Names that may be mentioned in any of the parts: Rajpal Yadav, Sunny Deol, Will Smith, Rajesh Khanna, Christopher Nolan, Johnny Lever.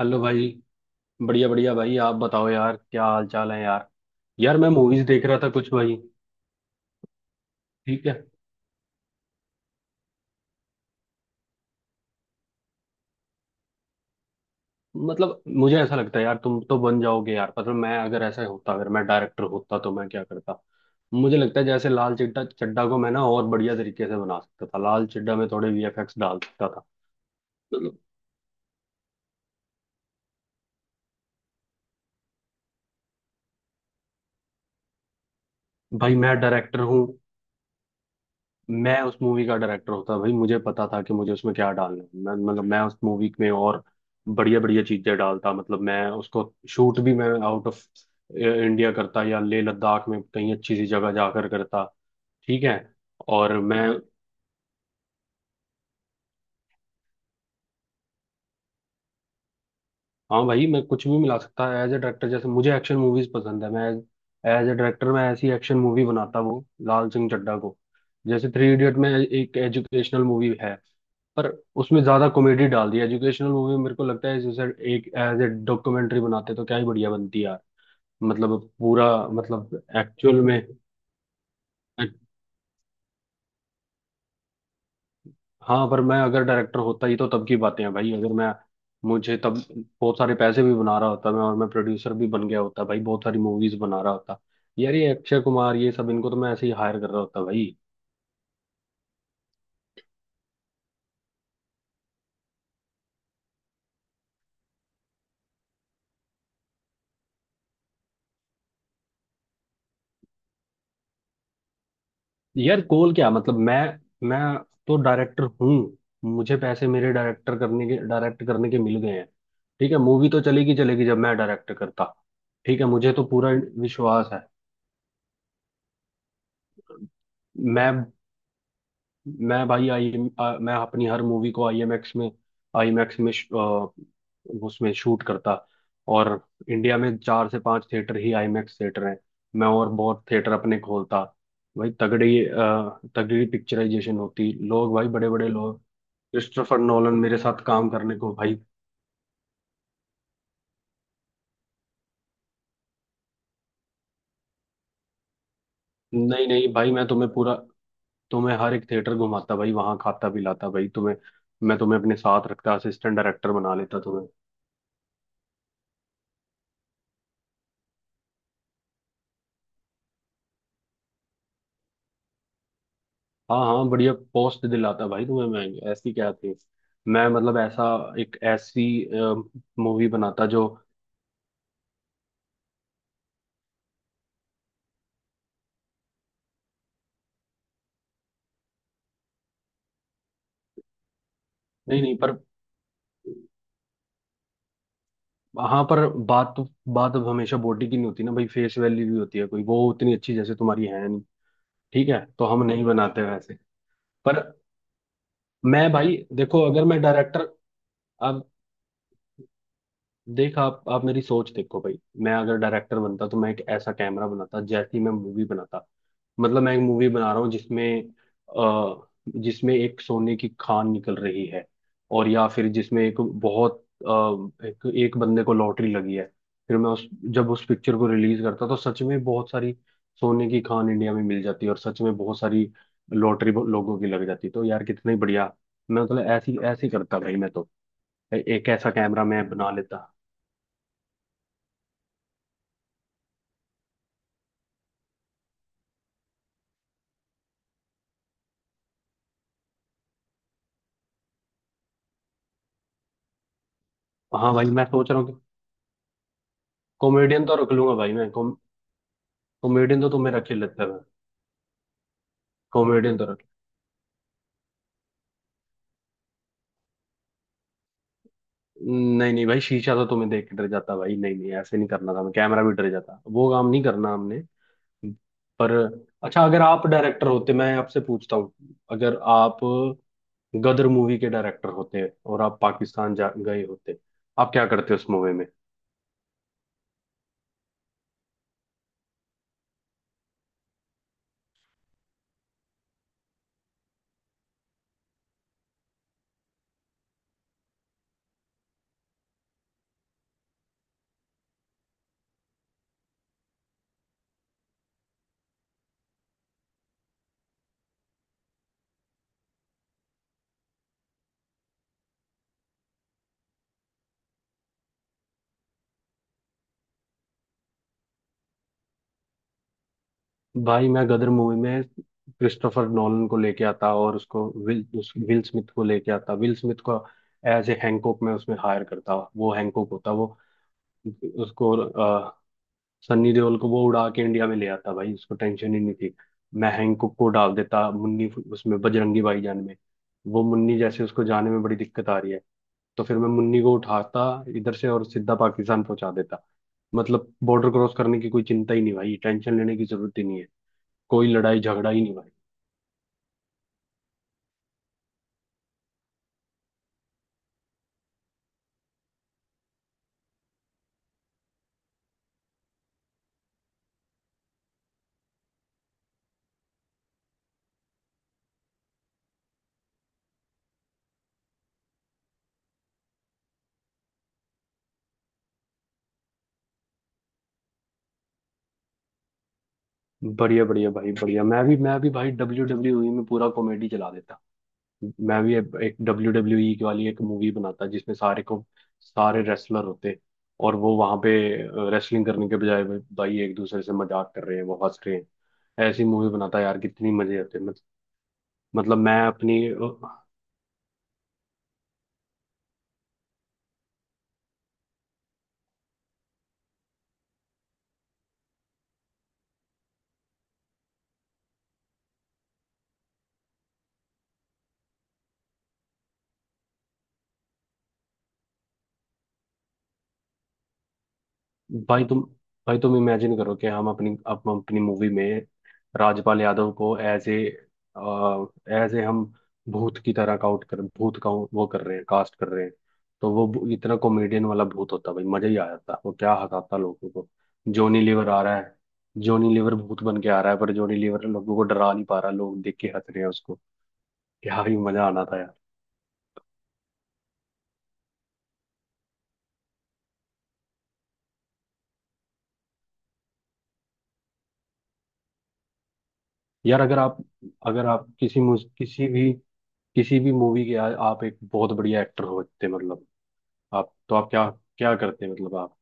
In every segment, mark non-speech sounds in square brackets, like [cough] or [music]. Hello भाई। बढ़िया बढ़िया भाई, आप बताओ यार, क्या हाल चाल है यार। यार मैं मूवीज देख रहा था कुछ भाई। ठीक है। मतलब मुझे ऐसा लगता है यार, तुम तो बन जाओगे यार। मतलब मैं अगर ऐसा होता, अगर मैं डायरेक्टर होता तो मैं क्या करता। मुझे लगता है जैसे लाल चड्ढा चड्ढा को मैं ना और बढ़िया तरीके से बना सकता था। लाल चड्ढा में थोड़े वीएफएक्स डाल सकता था। मतलब, भाई मैं डायरेक्टर हूँ। मैं उस मूवी का डायरेक्टर होता भाई, मुझे पता था कि मुझे उसमें क्या डालना है। मैं उस मूवी में और बढ़िया बढ़िया चीजें डालता। मतलब मैं उसको शूट भी मैं आउट ऑफ इंडिया करता, या लेह लद्दाख में कहीं अच्छी सी जगह जाकर करता। ठीक है। और मैं हाँ भाई, मैं कुछ भी मिला सकता है एज ए डायरेक्टर। जैसे मुझे एक्शन मूवीज पसंद है, मैं एज ए डायरेक्टर मैं ऐसी एक्शन मूवी बनाता, वो लाल सिंह चड्ढा को। जैसे थ्री इडियट में एक एजुकेशनल मूवी है, पर उसमें ज्यादा कॉमेडी डाल दी। एजुकेशनल मूवी मेरे को लगता है, जैसे एक एज ए डॉक्यूमेंट्री बनाते तो क्या ही बढ़िया बनती यार। मतलब पूरा, मतलब एक्चुअल में। हाँ, पर मैं अगर डायरेक्टर होता ही तो तब की बातें हैं भाई। अगर मैं मुझे तब बहुत सारे पैसे भी बना रहा होता मैं, और मैं प्रोड्यूसर भी बन गया होता भाई, बहुत सारी मूवीज बना रहा होता। यार ये अक्षय कुमार, ये सब इनको तो मैं ऐसे ही हायर कर रहा होता भाई। यार गोल क्या मतलब, मैं तो डायरेक्टर हूँ। मुझे पैसे मेरे डायरेक्टर करने के, डायरेक्ट करने के मिल गए हैं। ठीक है, मूवी तो चलेगी चलेगी जब मैं डायरेक्ट करता। ठीक है, मुझे तो पूरा विश्वास है। मैं मैं भाई, आई मैं अपनी हर मूवी को आईएमएक्स में, आईमैक्स में उसमें शूट करता। और इंडिया में चार से पांच थिएटर ही आईमैक्स थिएटर हैं। मैं और बहुत थिएटर अपने खोलता भाई। तगड़ी तगड़ी पिक्चराइजेशन होती लोग, भाई बड़े बड़े लोग, क्रिस्टोफर नोलन मेरे साथ काम करने को भाई। नहीं नहीं भाई, मैं तुम्हें पूरा, तुम्हें हर एक थिएटर घुमाता भाई, वहां खाता पिलाता भाई तुम्हें। मैं तुम्हें अपने साथ रखता, असिस्टेंट डायरेक्टर बना लेता तुम्हें। हाँ हाँ, बढ़िया पोस्ट दिलाता भाई तुम्हें। मैं ऐसी क्या थी, मैं मतलब ऐसा एक ऐसी मूवी बनाता जो, नहीं नहीं पर, हाँ पर बात अब हमेशा बॉडी की नहीं होती ना भाई, फेस वैल्यू भी होती है। कोई वो उतनी अच्छी जैसे तुम्हारी है नहीं। ठीक है, तो हम नहीं बनाते वैसे। पर मैं भाई देखो, अगर मैं डायरेक्टर, अब देख, आप मेरी सोच देखो भाई। मैं अगर डायरेक्टर बनता तो मैं एक ऐसा कैमरा बनाता जैसी मैं मूवी बनाता। मतलब मैं एक मूवी बना रहा हूँ, जिसमें अ जिसमें एक सोने की खान निकल रही है। और या फिर जिसमें एक बहुत अ, एक बंदे को लॉटरी लगी है। फिर मैं उस, जब उस पिक्चर को रिलीज करता तो सच में बहुत सारी सोने की खान इंडिया में मिल जाती है, और सच में बहुत सारी लॉटरी लोगों की लग जाती। तो यार कितना ही बढ़िया। मैं मतलब ऐसी ऐसी करता भाई मैं तो, एक ऐसा कैमरा मैं बना लेता। हाँ भाई, मैं सोच रहा हूँ कि कॉमेडियन तो रख लूंगा भाई मैं। कॉमेडियन तो तुम्हें रख ही लेता है। कॉमेडियन तो नहीं नहीं भाई, शीशा तो तुम्हें देख के डर जाता भाई। नहीं नहीं, ऐसे नहीं करना था। मैं कैमरा भी डर जाता, वो काम नहीं करना हमने। पर अच्छा, अगर आप डायरेक्टर होते, मैं आपसे पूछता हूँ, अगर आप गदर मूवी के डायरेक्टर होते और आप पाकिस्तान जा गए होते, आप क्या करते उस मूवी में। भाई मैं गदर मूवी में क्रिस्टोफर नॉलन को लेके आता, और उसको विल, उस विल स्मिथ को लेके आता। विल स्मिथ को एज ए हैंकॉक में उसमें हायर करता, वो हैंकॉक होता वो। उसको सनी देओल को वो उड़ा के इंडिया में ले आता भाई, उसको टेंशन ही नहीं थी। मैं हैंकॉक को डाल देता मुन्नी उसमें, बजरंगी भाईजान में वो मुन्नी, जैसे उसको जाने में बड़ी दिक्कत आ रही है, तो फिर मैं मुन्नी को उठाता इधर से और सीधा पाकिस्तान पहुंचा देता। मतलब बॉर्डर क्रॉस करने की कोई चिंता ही नहीं भाई, टेंशन लेने की जरूरत ही नहीं है। कोई लड़ाई झगड़ा ही नहीं भाई। बढ़िया बढ़िया भाई, बढ़िया। मैं भी भाई, डब्ल्यू डब्ल्यू ई में पूरा कॉमेडी चला देता। मैं भी अब एक डब्ल्यू डब्ल्यू ई की वाली एक मूवी बनाता, जिसमें सारे को, सारे रेसलर होते और वो वहां पे रेसलिंग करने के बजाय भाई भाई एक दूसरे से मजाक कर रहे हैं, वो हंस रहे हैं। ऐसी मूवी बनाता यार, कितनी मजे आते। मतलब मैं अपनी, भाई तुम, भाई तुम इमेजिन करो कि हम अपनी मूवी में राजपाल यादव को एज ए हम भूत की तरह काउट कर, भूत का वो कर रहे हैं, कास्ट कर रहे हैं। तो वो इतना कॉमेडियन वाला भूत होता भाई, मजा ही आ जाता। वो क्या हंसाता लोगों को। जॉनी लीवर आ रहा है, जॉनी लीवर भूत बन के आ रहा है, पर जॉनी लीवर लोगों को डरा नहीं पा रहा, लोग देख के हंस रहे हैं उसको। क्या ही मजा आना था यार। यार अगर आप, अगर आप किसी किसी भी, किसी भी मूवी के आप एक बहुत बढ़िया एक्टर होते मतलब, आप तो आप क्या क्या करते हैं? मतलब आप,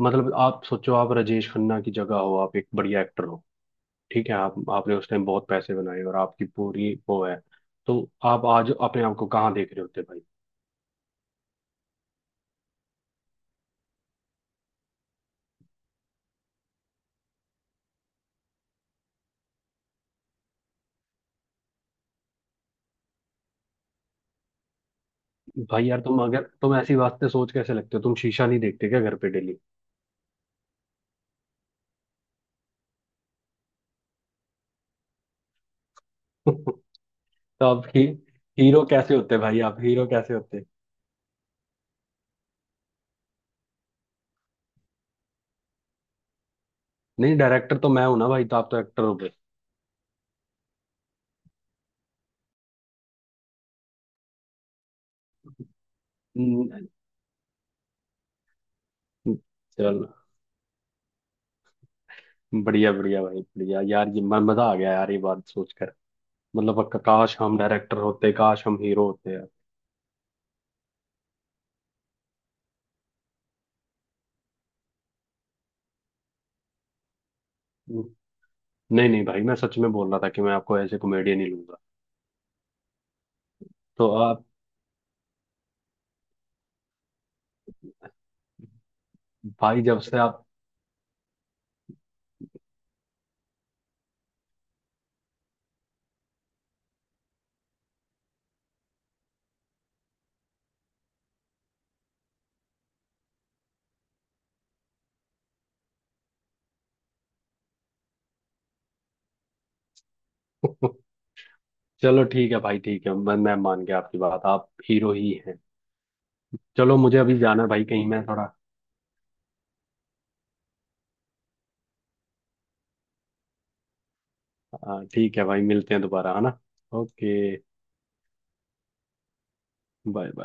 मतलब आप सोचो आप राजेश खन्ना की जगह हो, आप एक बढ़िया एक्टर हो। ठीक है, आप, आपने उस टाइम बहुत पैसे बनाए और आपकी पूरी वो है, तो आप आज अपने आप को कहाँ देख रहे होते भाई। भाई यार, तुम अगर तुम ऐसी बात से, सोच कैसे लगते हो तुम? शीशा नहीं देखते क्या घर पे डेली? [laughs] तो आप ही, हीरो कैसे होते भाई? आप हीरो कैसे होते? नहीं, डायरेक्टर तो मैं हूं ना भाई, तो आप तो एक्टर हो गए। हम्म, चलो। बढ़िया बढ़िया भाई, बढ़िया। यार ये मजा आ गया यार, ये बात सोचकर। मतलब काश हम डायरेक्टर होते, काश हम हीरो होते यार। हम्म, नहीं नहीं भाई, मैं सच में बोल रहा था कि मैं आपको ऐसे कॉमेडियन ही लूंगा। तो आप, भाई जब से आप, [laughs] चलो ठीक है भाई। ठीक है, मैं मान गया आपकी बात, आप हीरो ही हैं। चलो मुझे अभी जाना है भाई, कहीं मैं थोड़ा ठीक है भाई, मिलते हैं दोबारा, है ना? Okay, bye bye.